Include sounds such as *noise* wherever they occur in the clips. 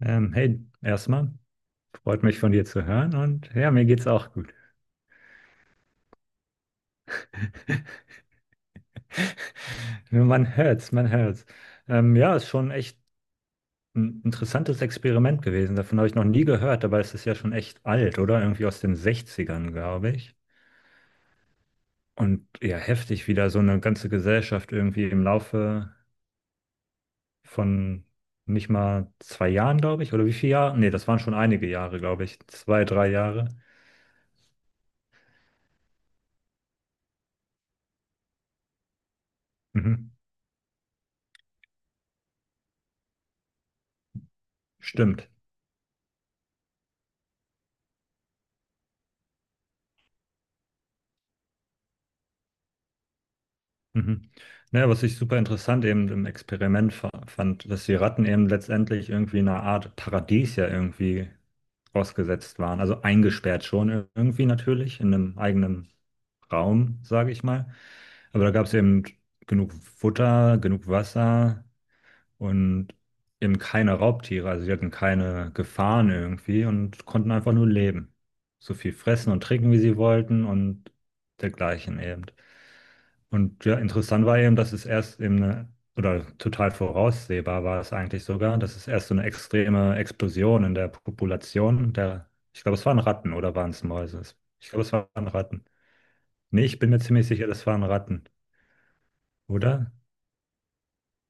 Hey, erstmal freut mich von dir zu hören, und ja, mir geht's auch gut. *laughs* Man hört's, man hört's. Ja, ist schon echt ein interessantes Experiment gewesen. Davon habe ich noch nie gehört, aber es ist ja schon echt alt, oder? Irgendwie aus den 60ern, glaube ich. Und ja, heftig, wie da so eine ganze Gesellschaft irgendwie im Laufe von nicht mal 2 Jahren, glaube ich, oder wie viele Jahre? Nee, das waren schon einige Jahre, glaube ich. 2, 3 Jahre. Mhm. Stimmt. Mhm. Ja, was ich super interessant eben im Experiment fand, dass die Ratten eben letztendlich irgendwie in einer Art Paradies ja irgendwie ausgesetzt waren. Also eingesperrt schon irgendwie natürlich in einem eigenen Raum, sage ich mal. Aber da gab es eben genug Futter, genug Wasser und eben keine Raubtiere. Also die hatten keine Gefahren irgendwie und konnten einfach nur leben. So viel fressen und trinken, wie sie wollten, und dergleichen eben. Und ja, interessant war eben, dass es erst eben eine, oder total voraussehbar war es eigentlich sogar, dass es erst so eine extreme Explosion in der Population der, ich glaube, es waren Ratten oder waren es Mäuse? Ich glaube, es waren Ratten. Nee, ich bin mir ziemlich sicher, das waren Ratten, oder?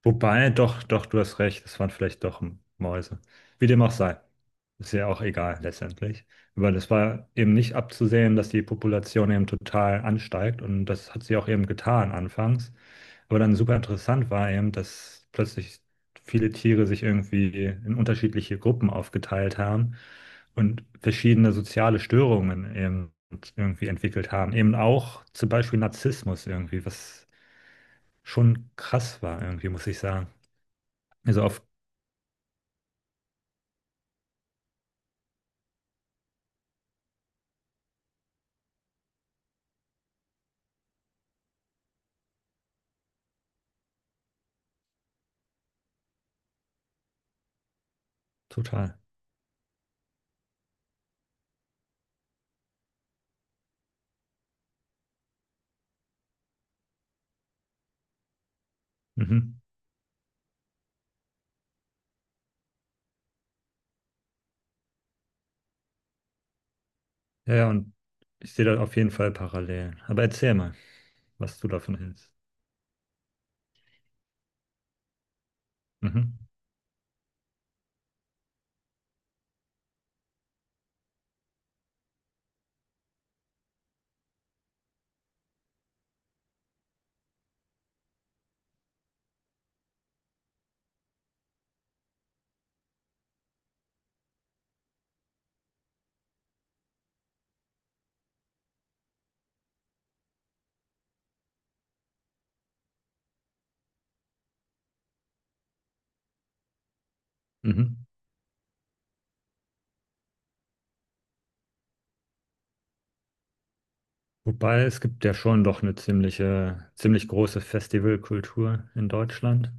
Wobei, doch, doch, du hast recht, es waren vielleicht doch Mäuse. Wie dem auch sei. Ist ja auch egal letztendlich. Aber das war eben nicht abzusehen, dass die Population eben total ansteigt, und das hat sie auch eben getan anfangs. Aber dann super interessant war eben, dass plötzlich viele Tiere sich irgendwie in unterschiedliche Gruppen aufgeteilt haben und verschiedene soziale Störungen eben irgendwie entwickelt haben. Eben auch zum Beispiel Narzissmus irgendwie, was schon krass war irgendwie, muss ich sagen. Also auf total. Mhm. Ja, ja, und ich sehe da auf jeden Fall parallel. Aber erzähl mal, was du davon hältst. Mhm. Mhm. Wobei, es gibt ja schon doch eine ziemliche, ziemlich große Festivalkultur in Deutschland,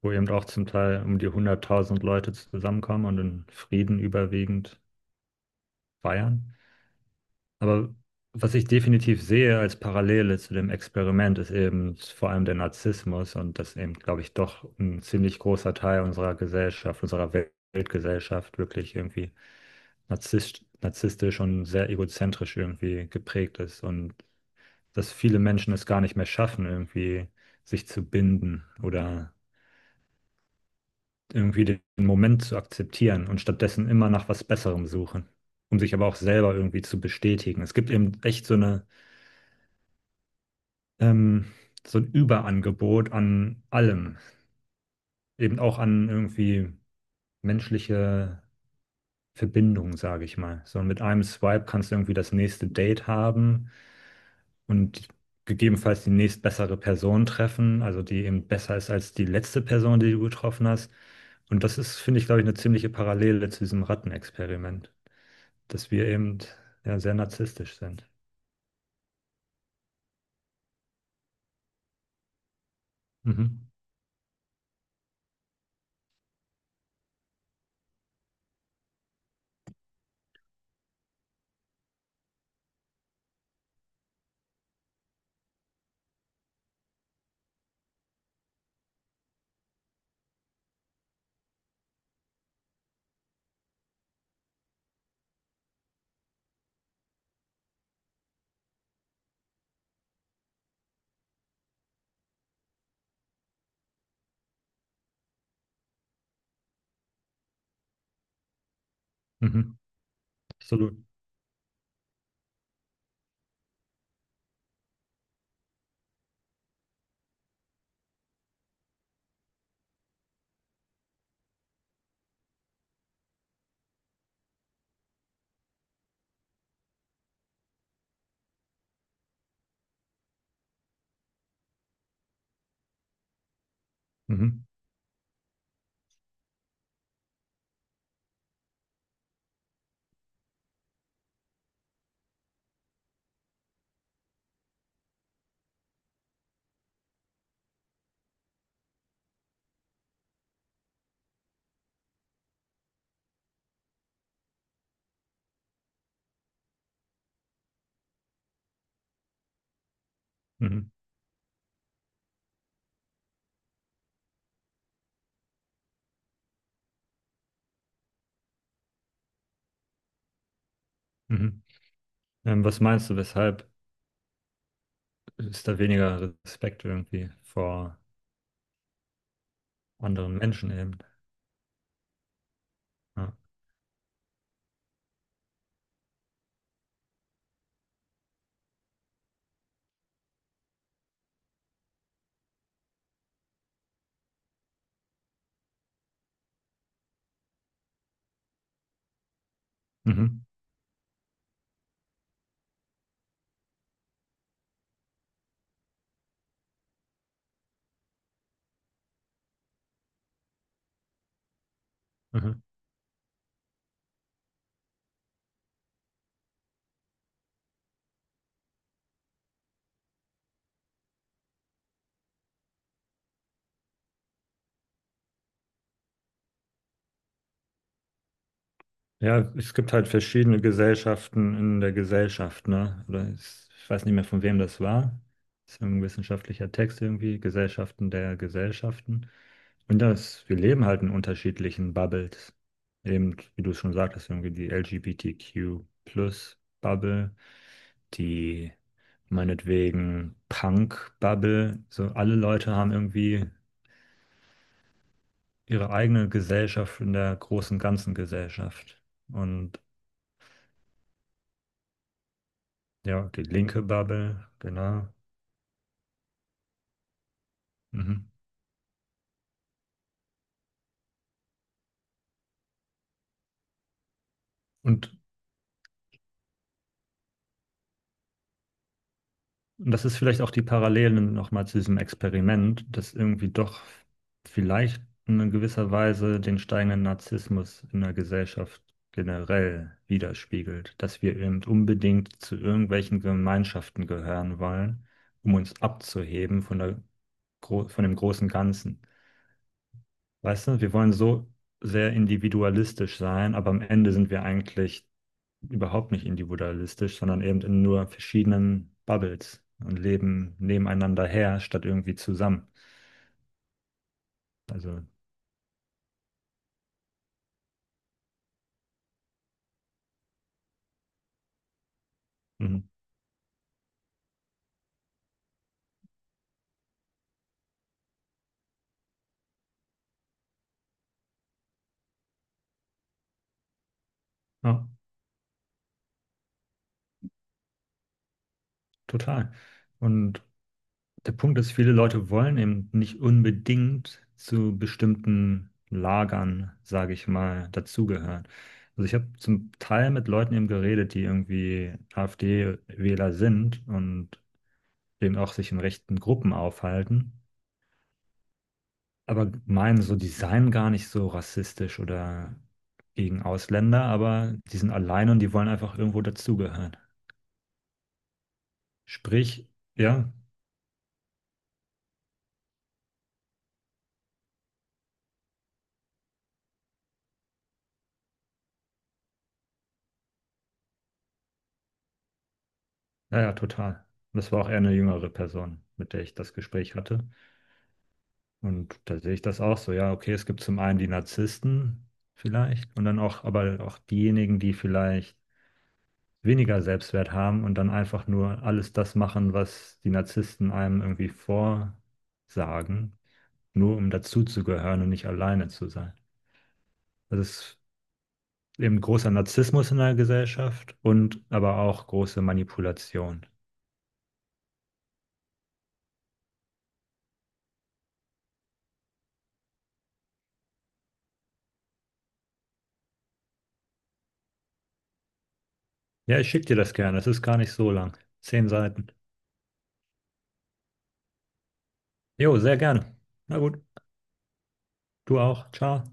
wo eben auch zum Teil um die 100.000 Leute zusammenkommen und in Frieden überwiegend feiern. Aber was ich definitiv sehe als Parallele zu dem Experiment, ist eben vor allem der Narzissmus, und das eben, glaube ich, doch ein ziemlich großer Teil unserer Gesellschaft, unserer Weltgesellschaft wirklich irgendwie narzisstisch und sehr egozentrisch irgendwie geprägt ist und dass viele Menschen es gar nicht mehr schaffen, irgendwie sich zu binden oder irgendwie den Moment zu akzeptieren und stattdessen immer nach was Besserem suchen, um sich aber auch selber irgendwie zu bestätigen. Es gibt eben echt so eine ähm, so ein Überangebot an allem, eben auch an irgendwie menschliche Verbindung, sage ich mal. So mit einem Swipe kannst du irgendwie das nächste Date haben und gegebenenfalls die nächstbessere Person treffen, also die eben besser ist als die letzte Person, die du getroffen hast. Und das ist, finde ich, glaube ich, eine ziemliche Parallele zu diesem Rattenexperiment, dass wir eben ja, sehr narzisstisch sind. Mhm. Mhm. Absolut. Mhm. Mhm. Mhm. Was meinst du, weshalb ist da weniger Respekt irgendwie vor anderen Menschen eben. Ja. Mhm. Mhm. Ja, es gibt halt verschiedene Gesellschaften in der Gesellschaft, ne? Oder ich weiß nicht mehr, von wem das war. Das ist ein wissenschaftlicher Text irgendwie, Gesellschaften der Gesellschaften. Und das, wir leben halt in unterschiedlichen Bubbles. Eben, wie du es schon sagtest, irgendwie die LGBTQ-Plus-Bubble, die meinetwegen Punk-Bubble. So alle Leute haben irgendwie ihre eigene Gesellschaft in der großen ganzen Gesellschaft. Und ja, die linke Bubble, genau. Mhm. Und, und das ist vielleicht auch die Parallelen nochmal zu diesem Experiment, dass irgendwie doch vielleicht in gewisser Weise den steigenden Narzissmus in der Gesellschaft generell widerspiegelt, dass wir eben unbedingt zu irgendwelchen Gemeinschaften gehören wollen, um uns abzuheben von der, von dem großen Ganzen. Weißt du, wir wollen so sehr individualistisch sein, aber am Ende sind wir eigentlich überhaupt nicht individualistisch, sondern eben in nur verschiedenen Bubbles und leben nebeneinander her, statt irgendwie zusammen. Also, mhm. Ja, total. Und der Punkt ist, viele Leute wollen eben nicht unbedingt zu bestimmten Lagern, sage ich mal, dazugehören. Also ich habe zum Teil mit Leuten eben geredet, die irgendwie AfD-Wähler sind und dem auch sich in rechten Gruppen aufhalten, aber meinen so, die seien gar nicht so rassistisch oder gegen Ausländer, aber die sind alleine und die wollen einfach irgendwo dazugehören. Sprich, ja, ja, ja, total. Das war auch eher eine jüngere Person, mit der ich das Gespräch hatte. Und da sehe ich das auch so, ja, okay, es gibt zum einen die Narzissten vielleicht und dann auch, aber auch diejenigen, die vielleicht weniger Selbstwert haben und dann einfach nur alles das machen, was die Narzissten einem irgendwie vorsagen, nur um dazuzugehören und nicht alleine zu sein. Das ist eben großer Narzissmus in der Gesellschaft und aber auch große Manipulation. Ja, ich schicke dir das gerne. Es ist gar nicht so lang. 10 Seiten. Jo, sehr gerne. Na gut, du auch. Ciao.